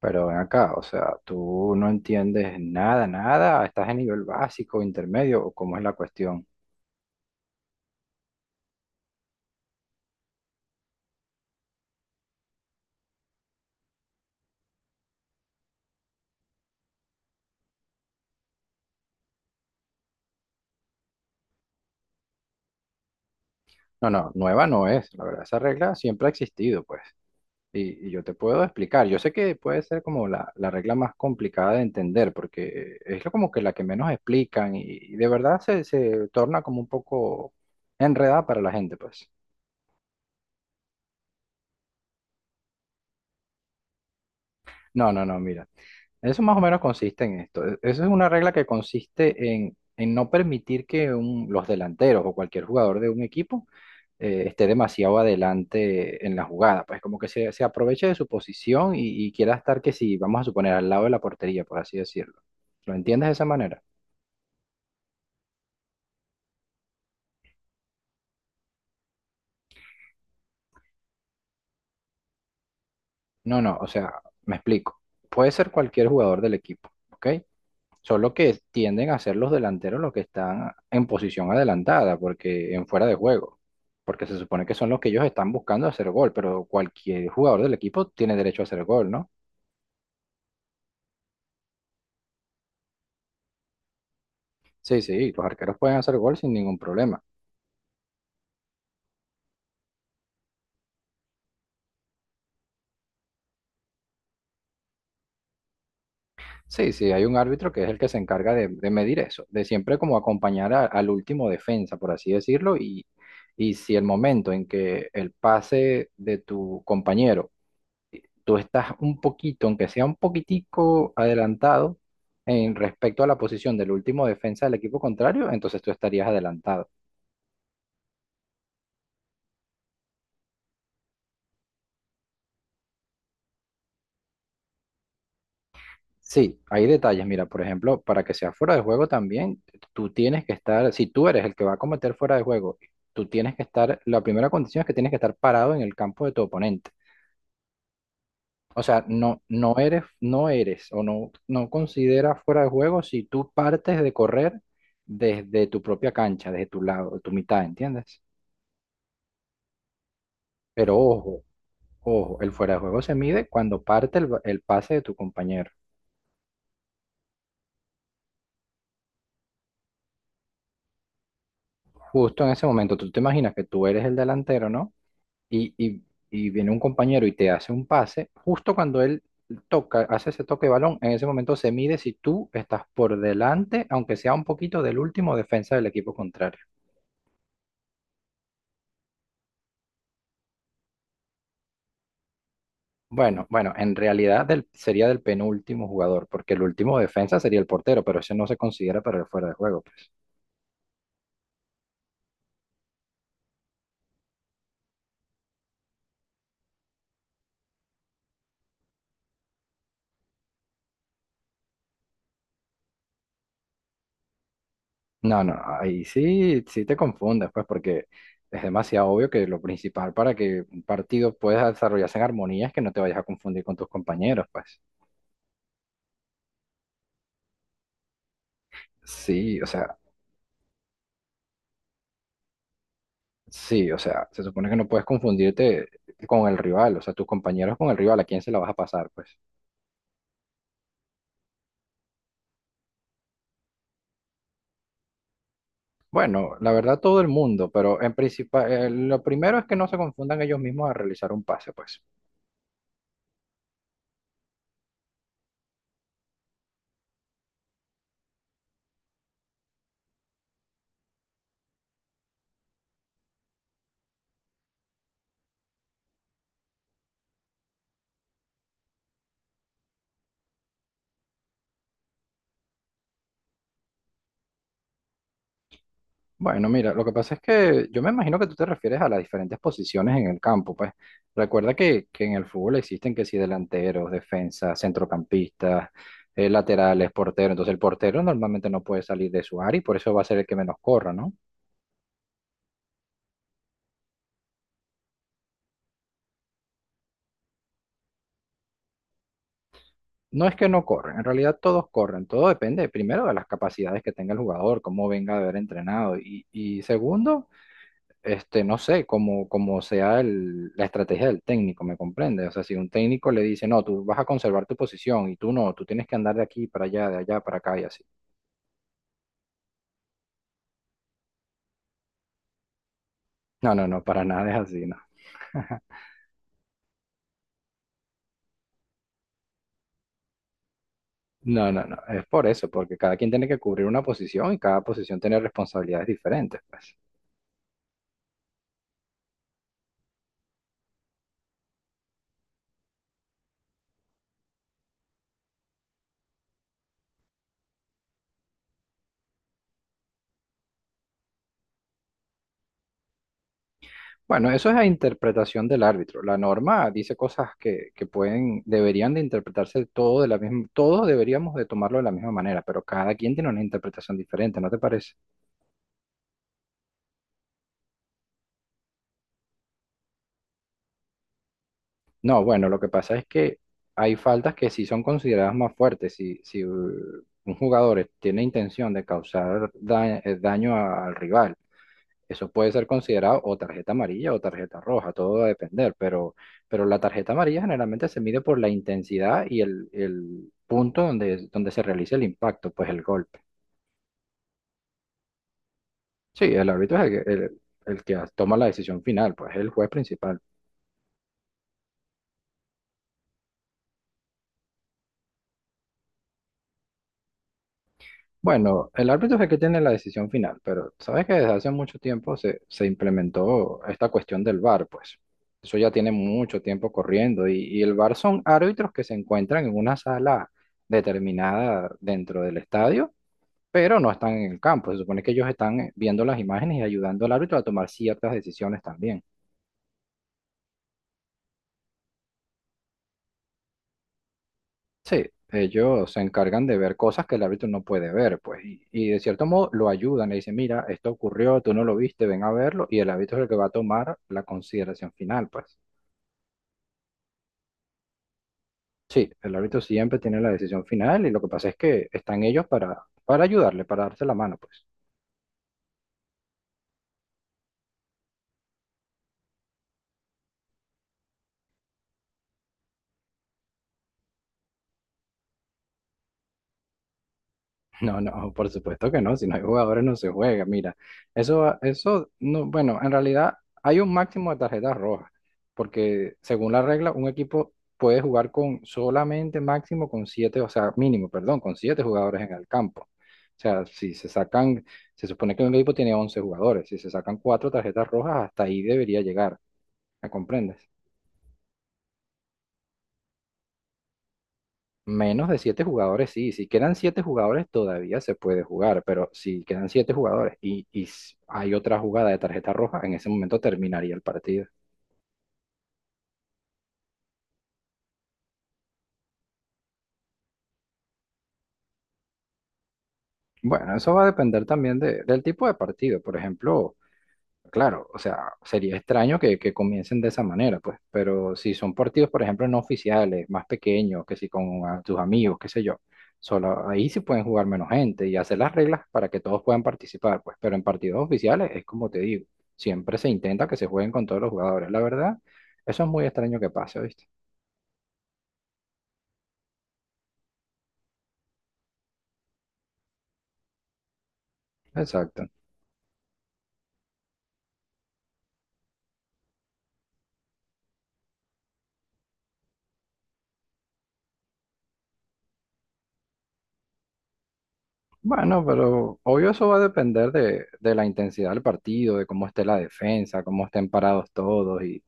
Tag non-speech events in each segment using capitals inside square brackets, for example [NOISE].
Pero ven acá, o sea, tú no entiendes nada, nada, estás en nivel básico, intermedio, o cómo es la cuestión. No, no, nueva no es, la verdad, esa regla siempre ha existido, pues, y yo te puedo explicar. Yo sé que puede ser como la regla más complicada de entender, porque como que la que menos explican y de verdad se torna como un poco enredada para la gente, pues. No, no, no, mira. Eso más o menos consiste en esto. Eso es una regla que consiste en no permitir que los delanteros o cualquier jugador de un equipo esté demasiado adelante en la jugada. Pues como que se aproveche de su posición y quiera estar que si, vamos a suponer, al lado de la portería, por así decirlo. ¿Lo entiendes de esa manera? No, no, o sea, me explico. Puede ser cualquier jugador del equipo, ¿ok? Son lo que tienden a ser los delanteros los que están en posición adelantada, porque en fuera de juego. Porque se supone que son los que ellos están buscando hacer gol, pero cualquier jugador del equipo tiene derecho a hacer gol, ¿no? Sí, sí, los arqueros pueden hacer gol sin ningún problema. Sí, sí, hay un árbitro que es el que se encarga de medir eso, de siempre como acompañar al último defensa, por así decirlo, y si el momento en que el pase de tu compañero tú estás un poquito, aunque sea un poquitico adelantado en respecto a la posición del último defensa del equipo contrario, entonces tú estarías adelantado. Sí, hay detalles. Mira, por ejemplo, para que sea fuera de juego también, tú tienes que estar, si tú eres el que va a cometer fuera de juego, tú tienes que estar, la primera condición es que tienes que estar parado en el campo de tu oponente. O sea, no, no eres, no eres o no, no consideras fuera de juego si tú partes de correr desde tu propia cancha, desde tu lado, tu mitad, ¿entiendes? Pero ojo, ojo, el fuera de juego se mide cuando parte el, el pase de tu compañero. Justo en ese momento, tú te imaginas que tú eres el delantero, ¿no? Y, y- y viene un compañero y te hace un pase, justo cuando él toca, hace ese toque de balón, en ese momento se mide si tú estás por delante, aunque sea un poquito del último defensa del equipo contrario. Bueno, bueno, en realidad sería del penúltimo jugador, porque el último defensa sería el portero, pero ese no se considera para el fuera de juego, pues. No, no, ahí sí, sí te confundes, pues, porque es demasiado obvio que lo principal para que un partido pueda desarrollarse en armonía es que no te vayas a confundir con tus compañeros, pues. Sí, o sea, sí, o sea, se supone que no puedes confundirte con el rival, o sea, tus compañeros con el rival, ¿a quién se la vas a pasar, pues? Bueno, la verdad todo el mundo, pero en principal, lo primero es que no se confundan ellos mismos a realizar un pase, pues. Bueno, mira, lo que pasa es que yo me imagino que tú te refieres a las diferentes posiciones en el campo, pues. Recuerda que en el fútbol existen que si delanteros, defensas, centrocampistas, laterales, porteros. Entonces el portero normalmente no puede salir de su área y por eso va a ser el que menos corra, ¿no? No es que no corren, en realidad todos corren. Todo depende primero de las capacidades que tenga el jugador, cómo venga de haber entrenado y segundo. Este, no sé, como, como sea la estrategia del técnico, ¿me comprende? O sea, si un técnico le dice, no, tú vas a conservar tu posición y tú no, tú tienes que andar de aquí para allá, de allá para acá y así. No, no, no, para [LAUGHS] nada es así, no. [LAUGHS] No, no, no, es por eso, porque cada quien tiene que cubrir una posición y cada posición tiene responsabilidades diferentes, pues. Bueno, eso es la interpretación del árbitro. La norma dice cosas que pueden, deberían de interpretarse todo de la misma, todos deberíamos de tomarlo de la misma manera, pero cada quien tiene una interpretación diferente, ¿no te parece? No, bueno, lo que pasa es que hay faltas que sí son consideradas más fuertes. Si, si un jugador tiene intención de causar daño al rival, eso puede ser considerado o tarjeta amarilla o tarjeta roja, todo va a depender, pero la tarjeta amarilla generalmente se mide por la intensidad y el punto donde, donde se realiza el impacto, pues el golpe. Sí, el árbitro es el que toma la decisión final, pues es el juez principal. Bueno, el árbitro es el que tiene la decisión final, pero sabes que desde hace mucho tiempo se implementó esta cuestión del VAR, pues. Eso ya tiene mucho tiempo corriendo y el VAR son árbitros que se encuentran en una sala determinada dentro del estadio, pero no están en el campo. Se supone que ellos están viendo las imágenes y ayudando al árbitro a tomar ciertas decisiones también. Sí, ellos se encargan de ver cosas que el árbitro no puede ver, pues, y de cierto modo lo ayudan, le dicen, mira, esto ocurrió, tú no lo viste, ven a verlo, y el árbitro es el que va a tomar la consideración final, pues. Sí, el árbitro siempre tiene la decisión final y lo que pasa es que están ellos para ayudarle, para darse la mano, pues. No, no, por supuesto que no, si no hay jugadores no se juega, mira, eso, no, bueno, en realidad hay un máximo de tarjetas rojas, porque según la regla, un equipo puede jugar con solamente máximo con siete, o sea, mínimo, perdón, con siete jugadores en el campo. O sea, si se sacan, se supone que un equipo tiene 11 jugadores, si se sacan cuatro tarjetas rojas, hasta ahí debería llegar, ¿me comprendes? Menos de siete jugadores, sí. Si quedan siete jugadores, todavía se puede jugar, pero si quedan siete jugadores y, y hay otra jugada de tarjeta roja, en ese momento terminaría el partido. Bueno, eso va a depender también del tipo de partido. Por ejemplo, claro, o sea, sería extraño que comiencen de esa manera, pues, pero si son partidos, por ejemplo, no oficiales, más pequeños, que si con tus amigos, qué sé yo, solo ahí sí pueden jugar menos gente y hacer las reglas para que todos puedan participar, pues, pero en partidos oficiales es como te digo, siempre se intenta que se jueguen con todos los jugadores, la verdad, eso es muy extraño que pase, ¿viste? Exacto. Bueno, pero obvio eso va a depender de la intensidad del partido, de cómo esté la defensa, cómo estén parados todos y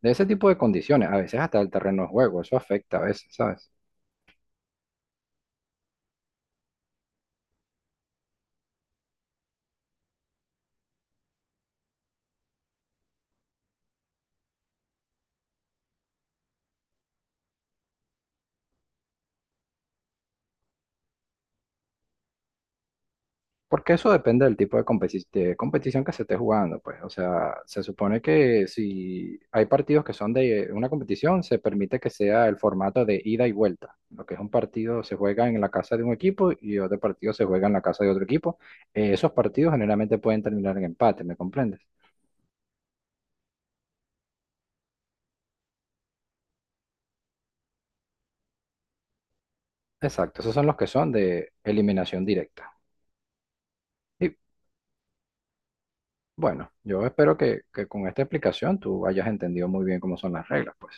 de ese tipo de condiciones, a veces hasta el terreno de juego, eso afecta a veces, ¿sabes? Porque eso depende del tipo de, de competición que se esté jugando, pues. O sea, se supone que si hay partidos que son de una competición, se permite que sea el formato de ida y vuelta. Lo que es un partido se juega en la casa de un equipo y otro partido se juega en la casa de otro equipo. Esos partidos generalmente pueden terminar en empate, ¿me comprendes? Exacto, esos son los que son de eliminación directa. Y Bueno, yo espero que con esta explicación tú hayas entendido muy bien cómo son las reglas, pues.